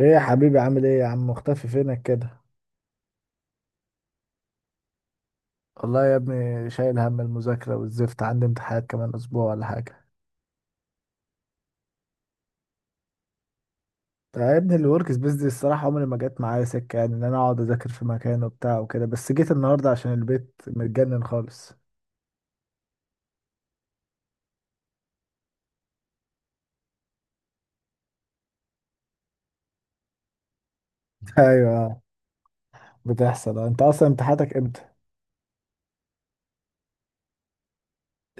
ايه يا حبيبي عامل ايه يا عم؟ مختفي فينك كده؟ والله يا ابني شايل هم المذاكرة والزفت، عندي امتحانات كمان أسبوع ولا حاجة. طيب يا ابني الورك سبيس دي الصراحة عمري ما جت معايا سكة يعني ان انا اقعد اذاكر في مكان وبتاع وكده، بس جيت النهاردة عشان البيت متجنن خالص. ايوه. بتحصل. انت اصلا امتحاناتك امتى؟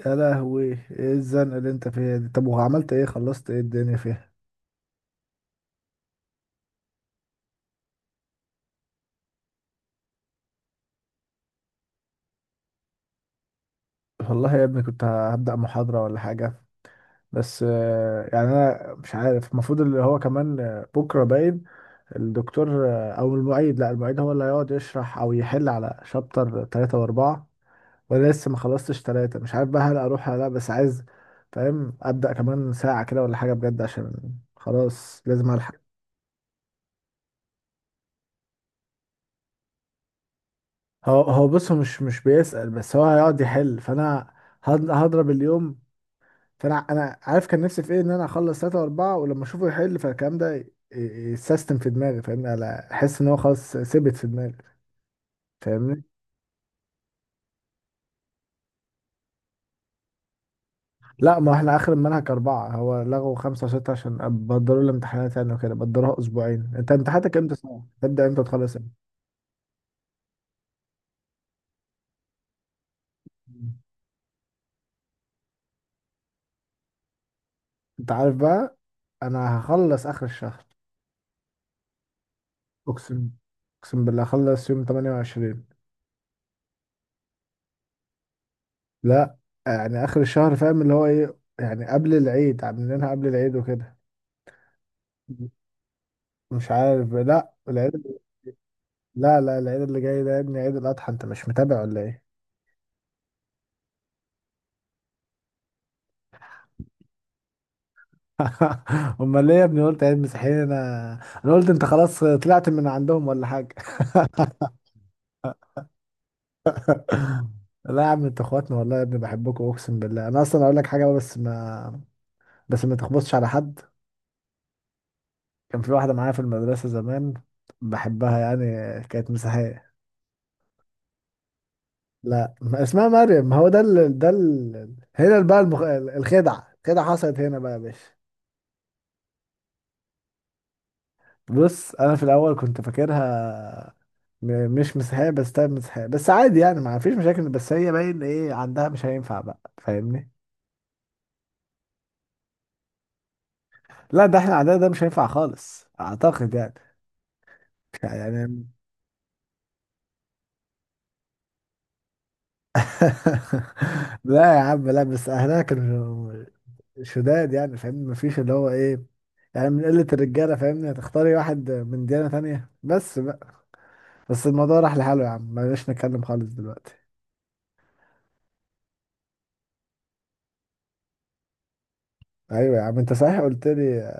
يا لهوي ايه الزنقة اللي انت فيها دي؟ طب وعملت ايه، خلصت ايه الدنيا فيها؟ والله يا ابني كنت هبدأ محاضرة ولا حاجة. بس يعني أنا مش عارف المفروض اللي هو كمان، بكرة باين الدكتور، او المعيد، لا المعيد هو اللي هيقعد يشرح او يحل على شابتر ثلاثة واربعة، وانا لسه ما خلصتش ثلاثة، مش عارف بقى هل اروح ولا لا، بس عايز فاهم ابدا كمان ساعة كده ولا حاجة بجد، عشان خلاص لازم الحق. هو بص، هو مش بيسأل، بس هو هيقعد يحل، فانا هضرب اليوم. فانا عارف كان نفسي في ايه، ان انا اخلص ثلاثة واربعة، ولما اشوفه يحل فالكلام ده يتسيستم في دماغي فاهمني، انا احس ان هو خلاص ثبت في دماغي. فاهمني. لا، ما احنا اخر المنهج اربعة، هو لغوا خمسة وستة عشان بدلوا الامتحانات يعني، وكده بدلوها اسبوعين. انت امتحاناتك امتى صح؟ تبدأ امتى وتخلص امتى؟ انت عارف بقى، انا هخلص اخر الشهر. اقسم، اقسم بالله هخلص يوم 28. لا، يعني اخر الشهر فاهم اللي هو ايه، يعني قبل العيد عاملينها، قبل العيد وكده. مش عارف، لا العيد. لا لا، العيد اللي جاي ده يا ابني عيد الاضحى، انت مش متابع ولا ايه؟ امال ليه يا ابني قلت عيد مسيحيين؟ انا قلت انت خلاص طلعت من عندهم ولا حاجه. لا يا عم انتوا اخواتنا، والله يا ابني بحبكم اقسم بالله، انا اصلا اقول لك حاجه بس ما تخبطش على حد. كان في واحده معايا في المدرسه زمان، بحبها يعني، كانت مسيحيه. لا، ما اسمها مريم، ما هو ده هنا بقى الخدعه، حصلت هنا بقى يا باشا. بص، انا في الاول كنت فاكرها مش مسيحيه، بس طيب مسيحيه بس عادي يعني، ما فيش مشاكل، بس هي باين ايه عندها، مش هينفع بقى فاهمني. لا، ده احنا عندنا ده مش هينفع خالص اعتقد يعني. يعني. لا يا عم، لا بس اهلها كانوا شداد يعني فاهمني، ما فيش اللي هو ايه، يعني من قله الرجاله فاهمني هتختاري واحد من ديانه تانية بس بقى. بس الموضوع راح لحاله يا عم، بلاش نتكلم خالص دلوقتي. ايوه يا عم انت صحيح، قلت لي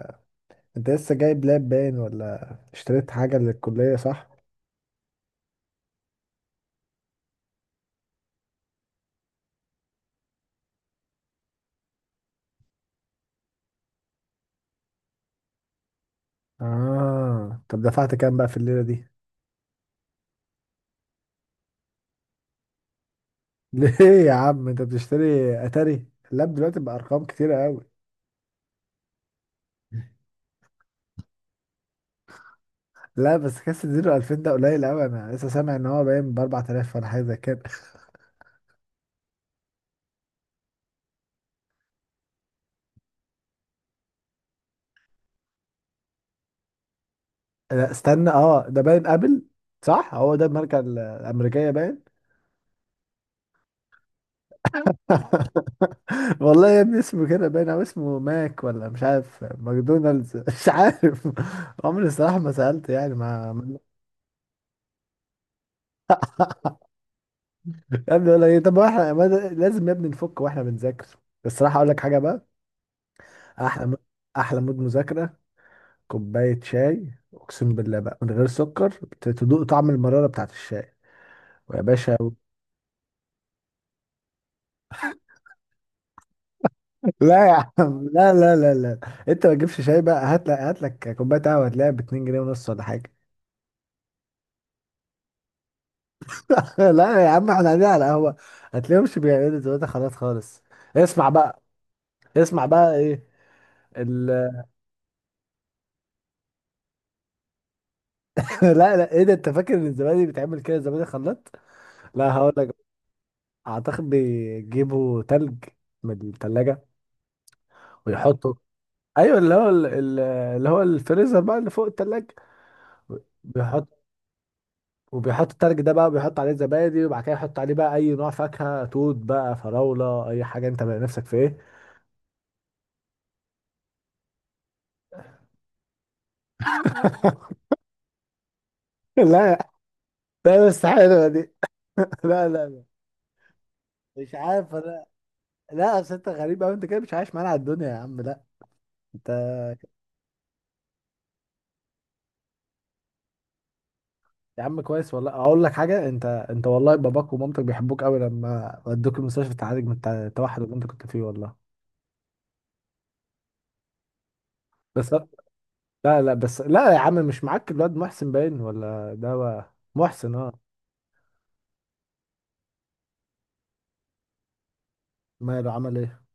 انت لسه جايب لاب باين ولا اشتريت حاجة للكلية صح؟ اه، طب دفعت كام بقى في الليلة دي؟ ليه يا عم، انت بتشتري اتاري؟ اللاب دلوقتي بأرقام كتيرة قوي. لا بس كاس الزيرو 2000 ده قليل قوي، انا لسه سامع ان هو باين ب 4000 ولا حاجة زي كده. لا استنى، اه ده باين ابل صح؟ هو ده الماركة الأمريكية باين؟ والله يا ابني اسمه كده باين، او اسمه ماك، ولا مش عارف ماكدونالدز مش عارف، عمري الصراحة ما سألت يعني، ما. يا ابني ولا ايه؟ طب احنا ما ده- لازم يا ابني نفك واحنا بنذاكر. الصراحه اقول لك حاجه بقى، احلى احلى مود مذاكره، كوبايه شاي اقسم بالله بقى من غير سكر، تدوق طعم المراره بتاعت الشاي، ويا باشا و-. لا يا عم، لا لا لا لا، انت ما تجيبش شاي بقى، هات لك كوبايه قهوه هتلاقيها ب 2 جنيه ونص ولا حاجه. لا يا عم احنا قاعدين على قهوه، هتلاقيهمش بيعملوا دلوقتي خلاص خالص. اسمع بقى، اسمع بقى ايه. ال... لا لا، ايه ده، انت فاكر ان الزبادي بيتعمل كده؟ الزبادي خلاط؟ لا هقول لك. اعتقد بيجيبوا تلج من التلاجة ويحطوا. ايوه اللي هو اللي هو الفريزر بقى اللي فوق التلاجة، بيحط، وبيحط التلج ده بقى، بيحط عليه زبادي، وبعد كده يحط عليه بقى اي نوع فاكهة، توت بقى، فراولة، اي حاجة انت بقى نفسك في ايه. لا لا، بس حلوة دي. لا لا لا، مش عارف انا. لا، اصل انت غريب قوي، انت كده مش عايش معانا على الدنيا يا عم، لا انت. يا عم كويس والله، اقول لك حاجه انت، انت والله باباك ومامتك بيحبوك قوي، لما ودوك المستشفى تعالج من التوحد اللي انت كنت فيه والله. بس. لا لا، بس لا يا عم مش معاك الواد محسن باين، ولا ده محسن اه، ماله عمل ايه؟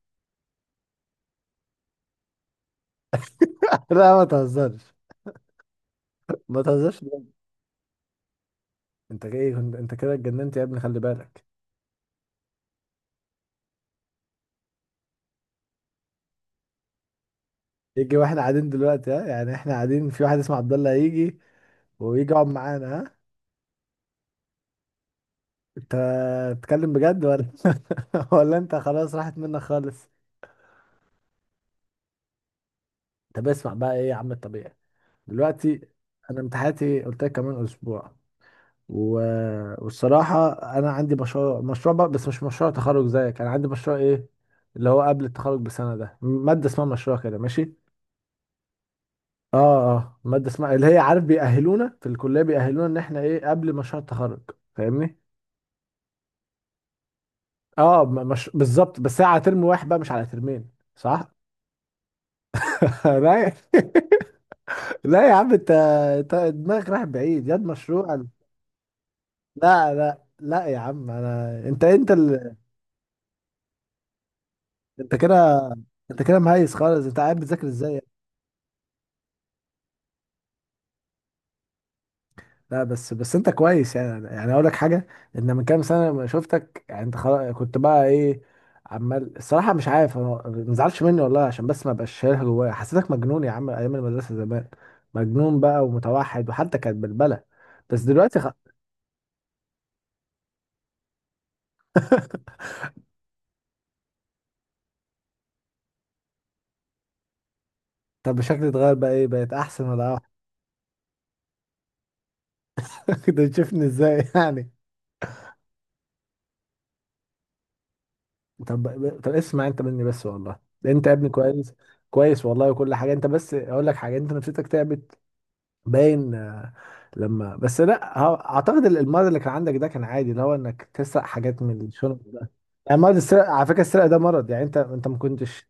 لا ما تهزرش. ما تهزرش بجد. انت ايه انت كده اتجننت يا ابني خلي بالك. يجي واحنا قاعدين دلوقتي، ها؟ يعني احنا قاعدين في واحد اسمه عبد الله يجي، ويجي يقعد معانا، ها؟ انت بتتكلم بجد ولا ولا انت خلاص راحت منك خالص؟ طب اسمع بقى، ايه يا عم الطبيعي دلوقتي؟ انا امتحاناتي قلت لك كمان اسبوع، و... والصراحه انا عندي مشروع، مشروع بقى، بس مش مشروع تخرج زيك، انا عندي مشروع ايه اللي هو قبل التخرج بسنه، ده ماده اسمها مشروع كده ماشي. اه. اه ماده اسمها اللي هي عارف، بيأهلونا في الكليه، بيأهلونا ان احنا ايه قبل مشروع التخرج. فاهمني. اه، مش بالظبط، بس هي على ترم واحد بقى مش على ترمين. صح. لا يا-. لا يا عم انت، انت دماغك رايح بعيد ياد مشروع. لا لا لا يا عم انا، انت انت ال... انت كده، انت كده مهيس خالص، انت قاعد بتذاكر ازاي يعني؟ لا بس انت كويس يعني، يعني اقول لك حاجه، ان من كام سنه لما شفتك يعني انت خلاص كنت بقى ايه، عمال الصراحه مش عارف ما تزعلش مني والله، عشان بس ما بقاش شايلها جوايا، حسيتك مجنون يا عم ايام المدرسه زمان، مجنون بقى ومتوحد وحتى كانت بلبله، بس دلوقتي خ... طب شكلي اتغير بقى ايه، بقيت احسن ولا اوحش؟ كنت تشوفني ازاي يعني؟ طب طب اسمع انت مني بس والله، انت يا ابني كويس، كويس والله وكل حاجه، انت بس اقول لك حاجه، انت نفسيتك تعبت باين. لما بس، لا اعتقد المرض اللي كان عندك ده كان عادي، اللي هو انك تسرق حاجات من الشنط ده، يعني مرض السرقه، على فكره السرقه ده مرض يعني، انت ما كنتش.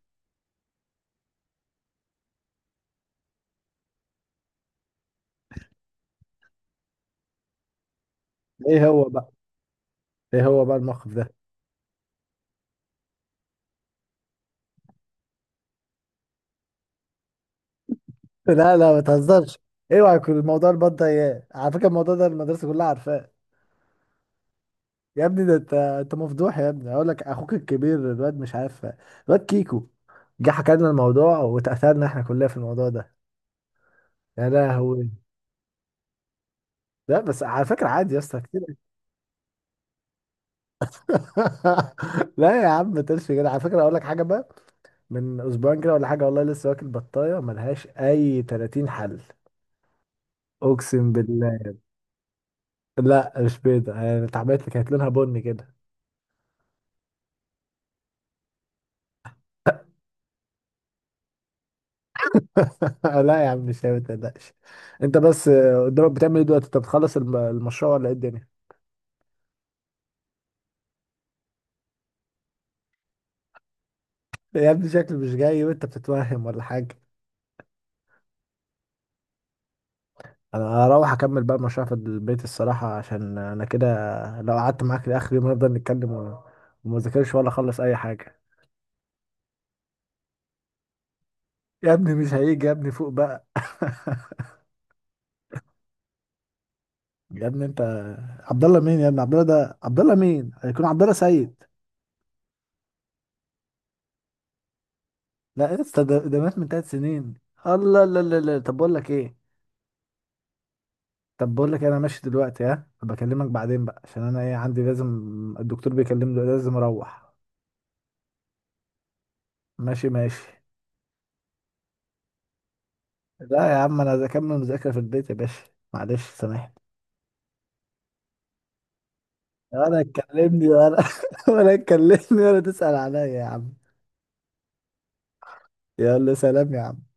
ايه هو بقى، ايه هو بقى الموقف ده؟ لا لا ما تهزرش. اوعى يكون الموضوع البط ده اياه، على فكره الموضوع ده المدرسه كلها عارفاه، يا ابني ده انت مفضوح يا ابني، اقول لك اخوك الكبير الواد مش عارف، الواد كيكو جه حكى لنا الموضوع، واتأثرنا احنا كلنا في الموضوع ده. يا لهوي. لا بس على فكرة عادي يا اسطى كتير. لا يا عم ما تقولش كده، على فكرة اقول لك حاجة بقى، من اسبوعين كده ولا حاجة والله لسه واكل بطاية ملهاش اي 30 حل. اقسم بالله. لا مش بيضة، يعني اتعملت لي كانت لونها بني كده. لا يا عم مش هي، ما تقلقش. انت بس قدامك بتعمل ايه دلوقتي؟ انت بتخلص المشروع ولا ايه الدنيا؟ يا ابني شكلي مش جاي وانت بتتوهم ولا حاجة. انا هروح اكمل بقى المشروع في البيت الصراحة، عشان انا كده لو قعدت معاك لاخر يوم هنفضل نتكلم و-، وما ذاكرش ولا اخلص اي حاجة. يا ابني مش هيجي، يا ابني فوق بقى. يا ابني انت، عبد الله مين يا ابني؟ عبد الله ده عبد الله مين، هيكون عبد الله سيد. لا يا اسطى، ده مات من ثلاث سنين. الله. لا لا لا طب بقول لك إيه، انا ماشي دلوقتي، ها بكلمك بعدين بقى، عشان انا ايه عندي، لازم الدكتور بيكلمني لازم اروح. ماشي ماشي. لا يا عم انا اكمل مذاكره في البيت يا باشا، معلش سامحني. ولا تكلمني ولا ولا تكلمني ولا تسأل عليا يا عم. يلا سلام يا عم.